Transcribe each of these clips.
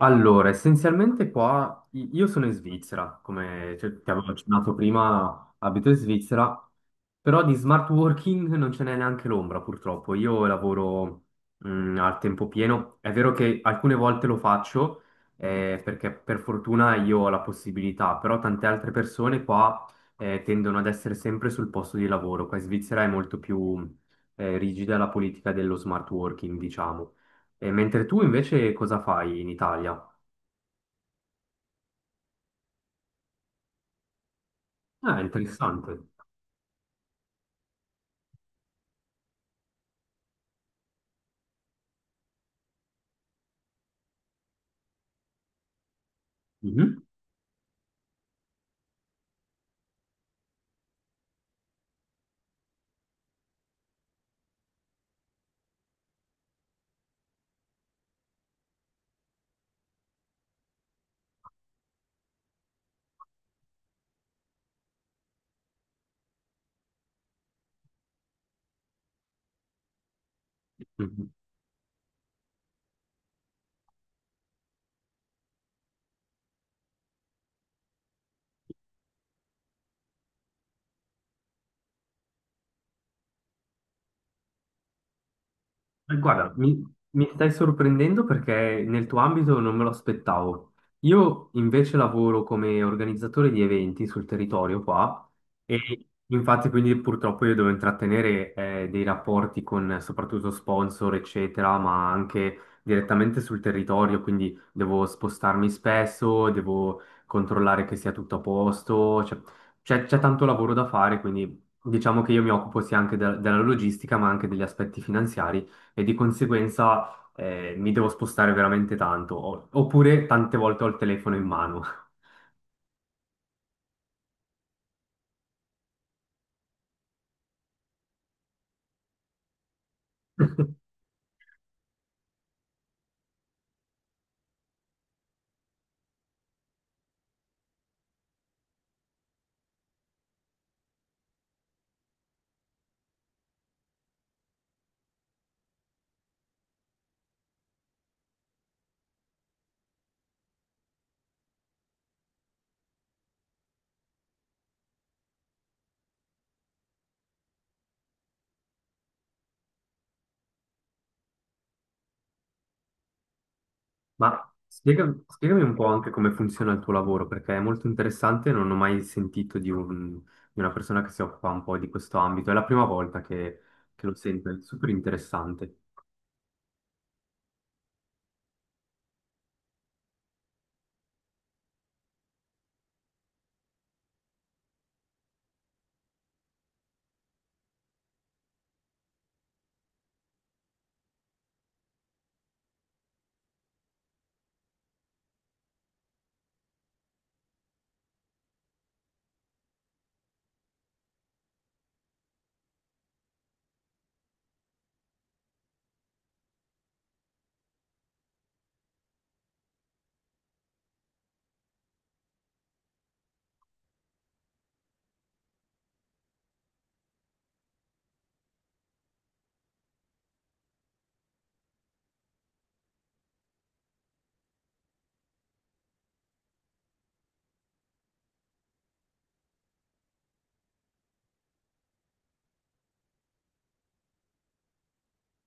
Allora, essenzialmente qua io sono in Svizzera, come, cioè, ti avevo accennato prima, abito in Svizzera, però di smart working non ce n'è neanche l'ombra, purtroppo. Io lavoro al tempo pieno, è vero che alcune volte lo faccio, perché per fortuna io ho la possibilità, però tante altre persone qua tendono ad essere sempre sul posto di lavoro. Qua in Svizzera è molto più rigida la politica dello smart working, diciamo. E mentre tu invece cosa fai in Italia? Ah, interessante. Mhm, mhm. Guarda, mi stai sorprendendo perché nel tuo ambito non me lo aspettavo. Io invece lavoro come organizzatore di eventi sul territorio qua, e infatti quindi purtroppo io devo intrattenere, dei rapporti con, soprattutto sponsor, eccetera, ma anche direttamente sul territorio, quindi devo spostarmi spesso, devo controllare che sia tutto a posto, cioè, c'è tanto lavoro da fare, quindi diciamo che io mi occupo sia anche della logistica ma anche degli aspetti finanziari e di conseguenza, mi devo spostare veramente tanto, oppure tante volte ho il telefono in mano. Ma spiegami un po' anche come funziona il tuo lavoro, perché è molto interessante, non ho mai sentito di, di una persona che si occupa un po' di questo ambito, è la prima volta che lo sento, è super interessante.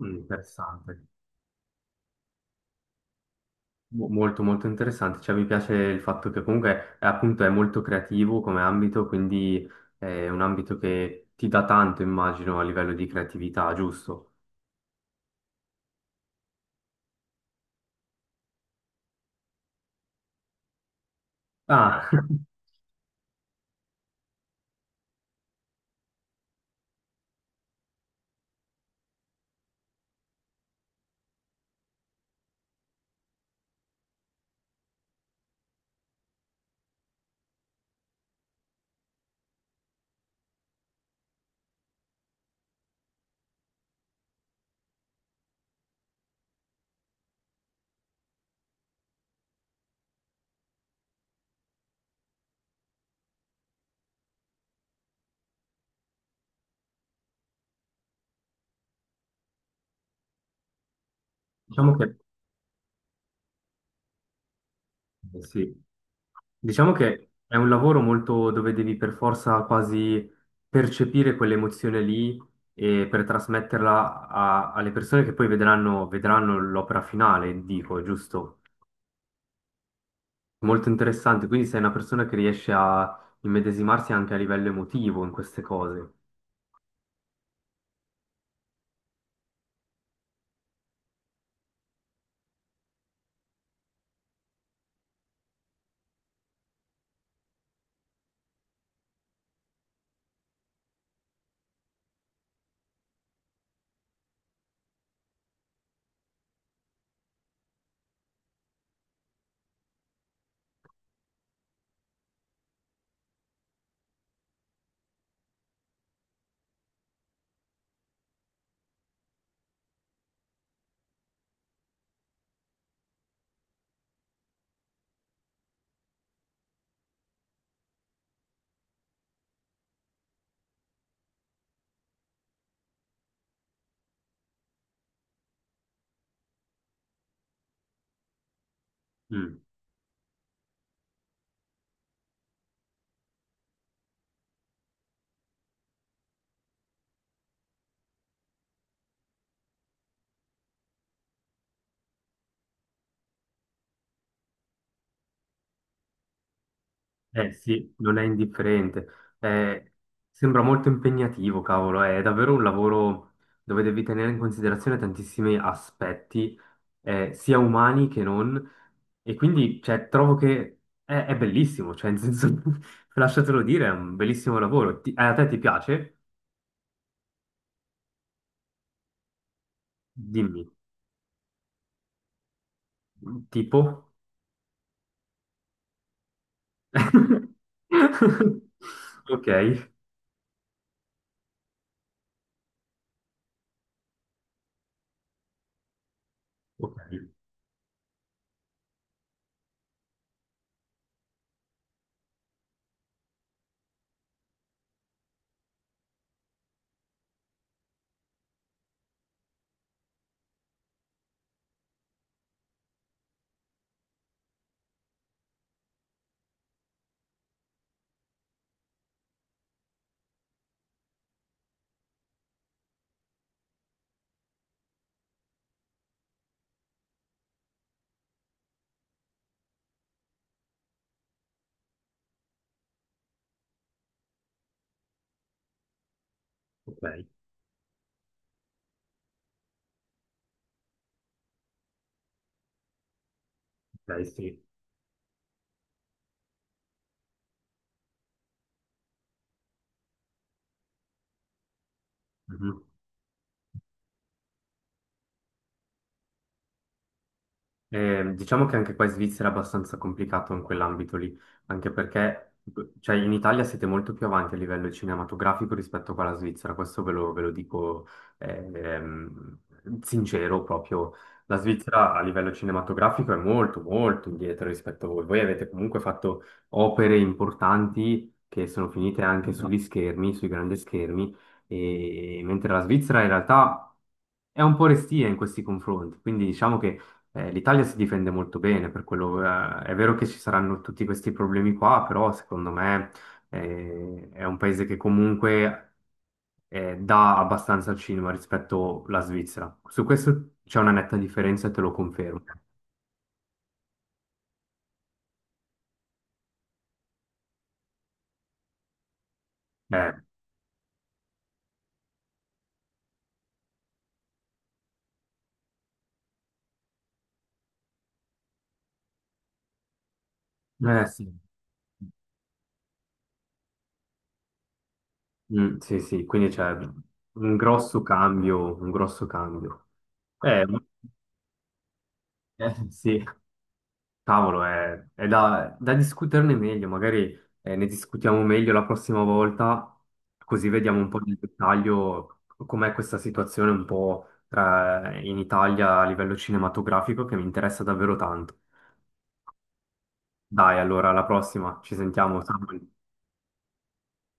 Mm, interessante. Molto molto interessante, cioè mi piace il fatto che comunque, appunto, è molto creativo come ambito, quindi è un ambito che ti dà tanto, immagino, a livello di creatività, giusto? Ah, diciamo, certo. Che, sì, diciamo che è un lavoro molto dove devi per forza quasi percepire quell'emozione lì e per trasmetterla alle persone che poi vedranno, vedranno l'opera finale, dico, giusto? Molto interessante, quindi sei una persona che riesce a immedesimarsi anche a livello emotivo in queste cose. Mm. Eh sì, non è indifferente. Eh, sembra molto impegnativo, cavolo, è davvero un lavoro dove devi tenere in considerazione tantissimi aspetti, sia umani che non, e quindi cioè, trovo che è bellissimo, cioè, in senso, lasciatelo dire, è un bellissimo lavoro. A te ti piace? Dimmi, tipo? Ok, ok, ok, ok, sì. Mhm. Diciamo che anche qua in Svizzera è abbastanza complicato in quell'ambito lì, anche perché cioè, in Italia siete molto più avanti a livello cinematografico rispetto qua alla Svizzera, questo ve lo dico, ehm, sincero proprio. La Svizzera a livello cinematografico è molto molto indietro rispetto a voi. Voi avete comunque fatto opere importanti che sono finite anche sugli schermi, sui grandi schermi, e mentre la Svizzera in realtà è un po' restia in questi confronti, quindi diciamo che, l'Italia si difende molto bene per quello, è vero che ci saranno tutti questi problemi qua, però secondo me, è un paese che comunque, dà abbastanza al cinema rispetto alla Svizzera. Su questo c'è una netta differenza e te lo confermo. Eh, sì. Mm, sì, sì, quindi c'è un grosso cambio, un grosso cambio. Eh, sì. Cavolo, è da, da discuterne meglio, magari, ne discutiamo meglio la prossima volta, così vediamo un po' nel dettaglio com'è questa situazione un po' in Italia a livello cinematografico, che mi interessa davvero tanto. Dai, allora, alla prossima, ci sentiamo, Samuel.